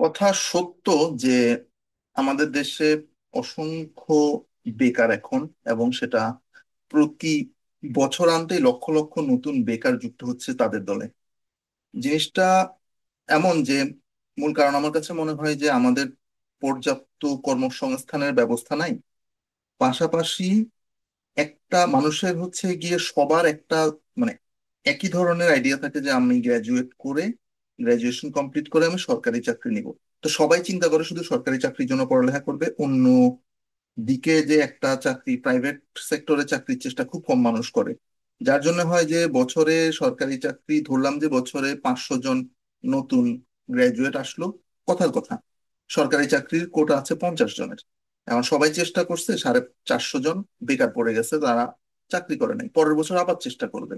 কথা সত্য যে আমাদের দেশে অসংখ্য বেকার এখন, এবং সেটা প্রতি বছরান্তে লক্ষ লক্ষ নতুন বেকার যুক্ত হচ্ছে তাদের দলে। জিনিসটা এমন যে, মূল কারণ আমার কাছে মনে হয় যে আমাদের পর্যাপ্ত কর্মসংস্থানের ব্যবস্থা নাই। পাশাপাশি একটা মানুষের হচ্ছে গিয়ে সবার একটা, মানে একই ধরনের আইডিয়া থাকে যে, আমি গ্রাজুয়েট করে গ্রাজুয়েশন কমপ্লিট করে আমি সরকারি চাকরি নিব। তো সবাই চিন্তা করে শুধু সরকারি চাকরির জন্য পড়ালেখা করবে, অন্য দিকে যে একটা চাকরি প্রাইভেট সেক্টরে চাকরির চেষ্টা খুব কম মানুষ করে। যার জন্য হয় যে, বছরে সরকারি চাকরি ধরলাম যে বছরে 500 জন নতুন গ্রাজুয়েট আসলো, কথার কথা সরকারি চাকরির কোটা আছে 50 জনের, এখন সবাই চেষ্টা করছে, 450 জন বেকার পড়ে গেছে, তারা চাকরি করে নাই, পরের বছর আবার চেষ্টা করবে।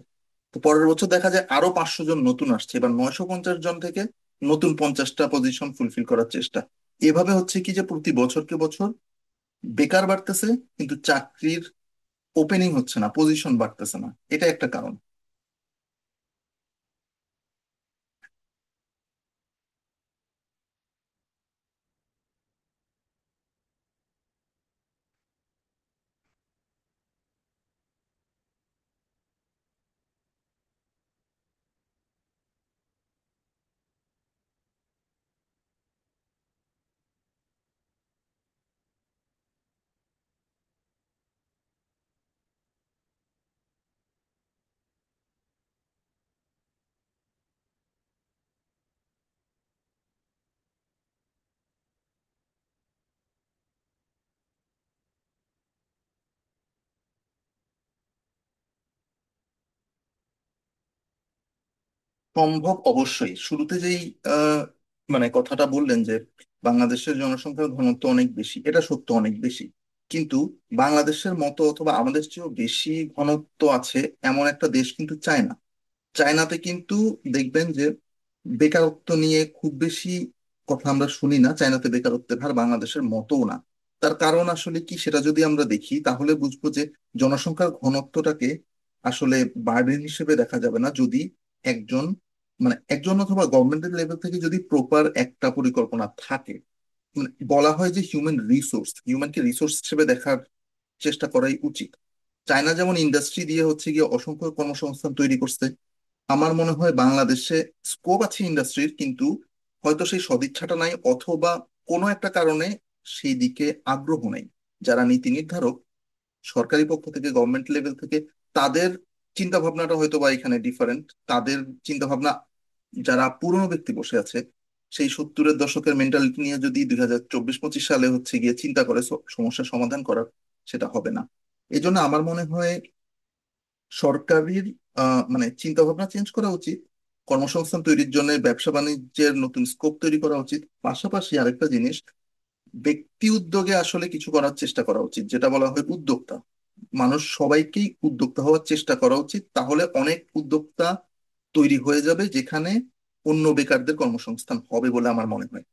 তো পরের বছর দেখা যায় আরো 500 জন নতুন আসছে, এবার 950 জন থেকে নতুন 50টা পজিশন ফুলফিল করার চেষ্টা। এভাবে হচ্ছে কি যে, প্রতি বছরকে বছর বেকার বাড়তেছে, কিন্তু চাকরির ওপেনিং হচ্ছে না, পজিশন বাড়তেছে না। এটা একটা কারণ। সম্ভব, অবশ্যই। শুরুতে যেই আহ, মানে কথাটা বললেন যে বাংলাদেশের জনসংখ্যার ঘনত্ব অনেক বেশি, এটা সত্য, অনেক বেশি। কিন্তু বাংলাদেশের মতো অথবা আমাদের চেয়েও বেশি ঘনত্ব আছে এমন একটা দেশ কিন্তু চায়না। চায়নাতে কিন্তু দেখবেন যে বেকারত্ব নিয়ে খুব বেশি কথা আমরা শুনি না, চায়নাতে বেকারত্বের হার বাংলাদেশের মতও না। তার কারণ আসলে কি সেটা যদি আমরা দেখি তাহলে বুঝবো যে, জনসংখ্যার ঘনত্বটাকে আসলে বার্ডেন হিসেবে দেখা যাবে না যদি একজন, মানে একজন অথবা গভর্নমেন্টের লেভেল থেকে যদি প্রপার একটা পরিকল্পনা থাকে। মানে বলা হয় যে, হিউম্যানকে রিসোর্স হিসেবে দেখার চেষ্টা করাই উচিত। চায়না যেমন ইন্ডাস্ট্রি দিয়ে হচ্ছে গিয়ে অসংখ্য কর্মসংস্থান তৈরি করছে। আমার মনে হয় বাংলাদেশে স্কোপ আছে ইন্ডাস্ট্রির, কিন্তু হয়তো সেই সদিচ্ছাটা নাই, অথবা কোনো একটা কারণে সেই দিকে আগ্রহ নাই। যারা নীতি নির্ধারক সরকারি পক্ষ থেকে, গভর্নমেন্ট লেভেল থেকে, তাদের চিন্তা ভাবনাটা হয়তো বা এখানে ডিফারেন্ট। তাদের চিন্তা ভাবনা, যারা পুরনো ব্যক্তি বসে আছে, সেই সত্তরের দশকের মেন্টালিটি নিয়ে যদি 2024-25 সালে হচ্ছে গিয়ে চিন্তা করে সমস্যার সমাধান করার, সেটা হবে না। এই জন্য আমার মনে হয় সরকারের মানে চিন্তা ভাবনা চেঞ্জ করা উচিত, কর্মসংস্থান তৈরির জন্য ব্যবসা বাণিজ্যের নতুন স্কোপ তৈরি করা উচিত। পাশাপাশি আরেকটা জিনিস, ব্যক্তি উদ্যোগে আসলে কিছু করার চেষ্টা করা উচিত, যেটা বলা হয় উদ্যোক্তা। মানুষ সবাইকেই উদ্যোক্তা হওয়ার চেষ্টা করা উচিত, তাহলে অনেক উদ্যোক্তা তৈরি হয়ে যাবে, যেখানে অন্য বেকারদের কর্মসংস্থান হবে বলে আমার মনে হয়।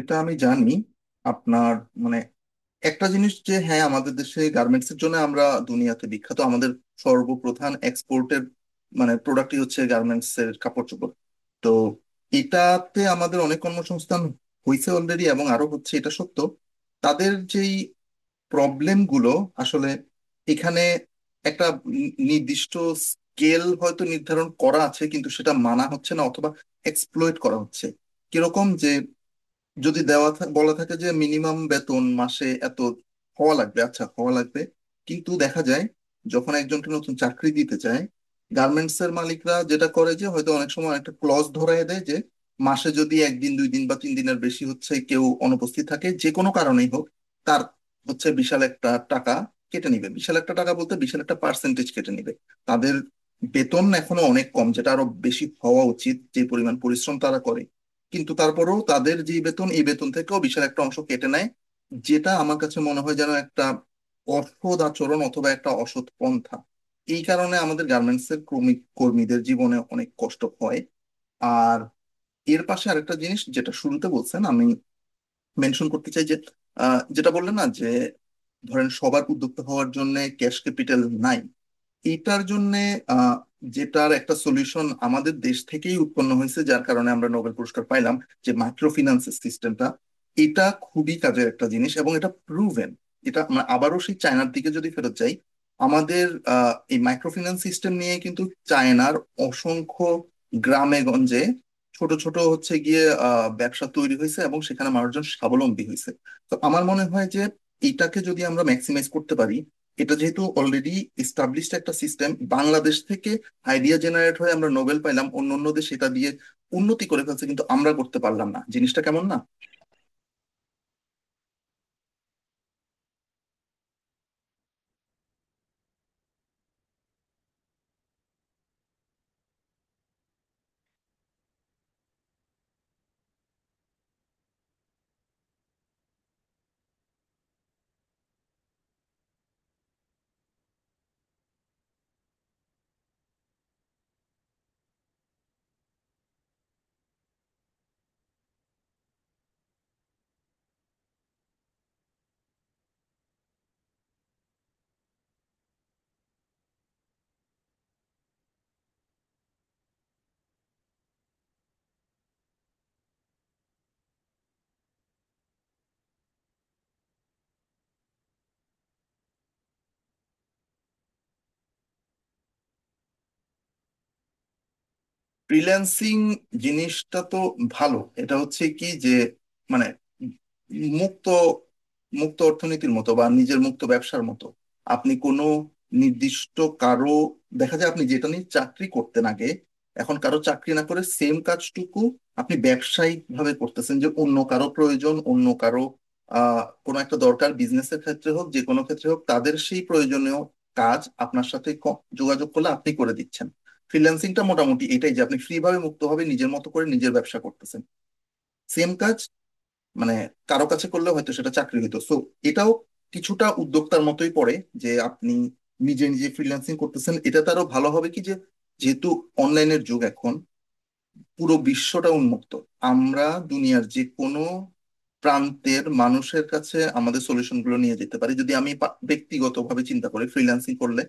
এটা আমি জানি আপনার, মানে একটা জিনিস যে, হ্যাঁ আমাদের দেশে গার্মেন্টস এর জন্য আমরা দুনিয়াতে বিখ্যাত, আমাদের সর্বপ্রধান এক্সপোর্টের, মানে প্রোডাক্টই হচ্ছে গার্মেন্টস এর কাপড় চোপড়। তো এটাতে আমাদের অনেক কর্মসংস্থান হয়েছে অলরেডি, এবং আরো হচ্ছে, এটা সত্য। তাদের যেই প্রবলেম গুলো, আসলে এখানে একটা নির্দিষ্ট স্কেল হয়তো নির্ধারণ করা আছে, কিন্তু সেটা মানা হচ্ছে না, অথবা এক্সপ্লয়েট করা হচ্ছে। কিরকম যে, যদি বলা থাকে যে মিনিমাম বেতন মাসে এত হওয়া লাগবে, আচ্ছা হওয়া লাগবে, কিন্তু দেখা যায় যখন একজনকে নতুন চাকরি দিতে চায় গার্মেন্টস এর মালিকরা, যেটা করে যে হয়তো অনেক সময় একটা ক্লজ ধরায় দেয় যে, মাসে যদি একদিন 2 দিন বা তিন দিনের বেশি হচ্ছে কেউ অনুপস্থিত থাকে, যে কোনো কারণেই হোক, তার হচ্ছে বিশাল একটা টাকা কেটে নিবে, বিশাল একটা টাকা বলতে বিশাল একটা পার্সেন্টেজ কেটে নিবে। তাদের বেতন এখনো অনেক কম, যেটা আরো বেশি হওয়া উচিত, যে পরিমাণ পরিশ্রম তারা করে। কিন্তু তারপরেও তাদের যে বেতন, এই বেতন থেকেও বিশাল একটা অংশ কেটে নেয়, যেটা আমার কাছে মনে হয় যেন একটা অসৎ আচরণ অথবা একটা অসৎ পন্থা। এই কারণে আমাদের গার্মেন্টস এর কর্মীদের জীবনে অনেক কষ্ট হয়। আর এর পাশে আরেকটা জিনিস যেটা শুরুতে বলছেন, আমি মেনশন করতে চাই যে যেটা বললেন না যে ধরেন সবার উদ্যোক্তা হওয়ার জন্য ক্যাশ ক্যাপিটাল নাই। এটার জন্যে আহ, যেটার একটা সলিউশন আমাদের দেশ থেকেই উৎপন্ন হয়েছে, যার কারণে আমরা নোবেল পুরস্কার পাইলাম, যে মাইক্রো ফিন্যান্স সিস্টেমটা। এটা খুবই কাজের একটা জিনিস, এবং এটা প্রুভেন। এটা আমরা আবারও সেই চায়নার দিকে যদি ফেরত যাই, আমাদের এই মাইক্রো ফিন্যান্স সিস্টেম নিয়ে কিন্তু চায়নার অসংখ্য গ্রামে গঞ্জে ছোট ছোট হচ্ছে গিয়ে ব্যবসা তৈরি হয়েছে, এবং সেখানে মানুষজন স্বাবলম্বী হয়েছে। তো আমার মনে হয় যে এটাকে যদি আমরা ম্যাক্সিমাইজ করতে পারি, এটা যেহেতু অলরেডি এস্টাবলিশড একটা সিস্টেম, বাংলাদেশ থেকে আইডিয়া জেনারেট হয়ে আমরা নোবেল পাইলাম, অন্য অন্য দেশ এটা দিয়ে উন্নতি করে ফেলছে, কিন্তু আমরা করতে পারলাম না, জিনিসটা কেমন না। ফ্রিল্যান্সিং জিনিসটা তো ভালো। এটা হচ্ছে কি যে, মানে মুক্ত মুক্ত অর্থনীতির মতো বা নিজের মুক্ত ব্যবসার মতো। আপনি কোনো নির্দিষ্ট কারো, দেখা যায় আপনি যেটা নিয়ে চাকরি করতেন আগে, এখন কারো চাকরি না করে সেম কাজটুকু আপনি ব্যবসায়িক ভাবে করতেছেন। যে অন্য কারো প্রয়োজন, অন্য কারো কোনো একটা দরকার বিজনেসের ক্ষেত্রে হোক যে কোনো ক্ষেত্রে হোক, তাদের সেই প্রয়োজনীয় কাজ আপনার সাথে যোগাযোগ করলে আপনি করে দিচ্ছেন। ফ্রিল্যান্সিংটা মোটামুটি এটাই যে, আপনি ফ্রি ভাবে মুক্তভাবে নিজের মতো করে নিজের ব্যবসা করতেছেন। সেম কাজ, মানে কারো কাছে করলে হয়তো সেটা চাকরি হতো, সো এটাও কিছুটা উদ্যোক্তার মতোই পড়ে, যে আপনি নিজে নিজে ফ্রিল্যান্সিং করতেছেন। এটা তারও ভালো হবে কি যে, যেহেতু অনলাইনের যুগ এখন, পুরো বিশ্বটা উন্মুক্ত, আমরা দুনিয়ার যে কোনো প্রান্তের মানুষের কাছে আমাদের সলিউশনগুলো নিয়ে যেতে পারি, যদি আমি ব্যক্তিগতভাবে চিন্তা করি ফ্রিল্যান্সিং করলে।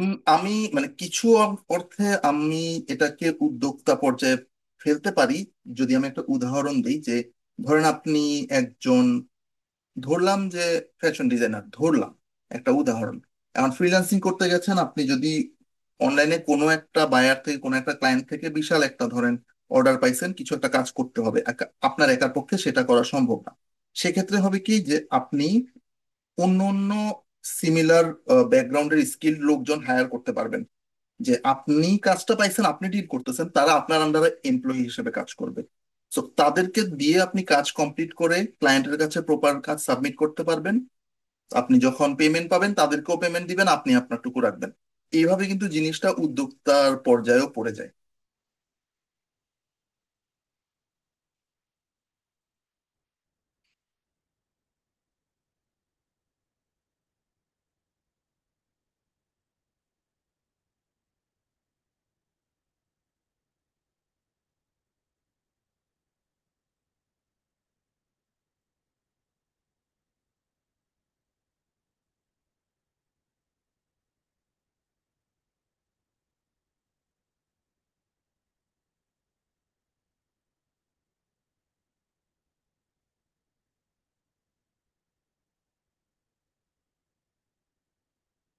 আমি, মানে কিছু অর্থে আমি এটাকে উদ্যোক্তা পর্যায়ে ফেলতে পারি। যদি আমি একটা উদাহরণ দিই যে, ধরেন আপনি একজন, ধরলাম যে ফ্যাশন ডিজাইনার, ধরলাম একটা উদাহরণ, এখন ফ্রিল্যান্সিং করতে গেছেন। আপনি যদি অনলাইনে কোনো একটা বায়ার থেকে, কোনো একটা ক্লায়েন্ট থেকে বিশাল একটা ধরেন অর্ডার পাইছেন, কিছু একটা কাজ করতে হবে, আপনার একার পক্ষে সেটা করা সম্ভব না। সেক্ষেত্রে হবে কি যে, আপনি অন্য অন্য সিমিলার ব্যাকগ্রাউন্ডের স্কিল লোকজন হায়ার করতে পারবেন। যে আপনি কাজটা পাইছেন, আপনি ডিড করতেছেন, তারা আপনার আন্ডারে এমপ্লয়ি হিসেবে কাজ করবে। সো তাদেরকে দিয়ে আপনি কাজ কমপ্লিট করে ক্লায়েন্টের কাছে প্রপার কাজ সাবমিট করতে পারবেন। আপনি যখন পেমেন্ট পাবেন, তাদেরকেও পেমেন্ট দিবেন, আপনি আপনারটুকু রাখবেন। এইভাবে কিন্তু জিনিসটা উদ্যোক্তার পর্যায়েও পড়ে যায়।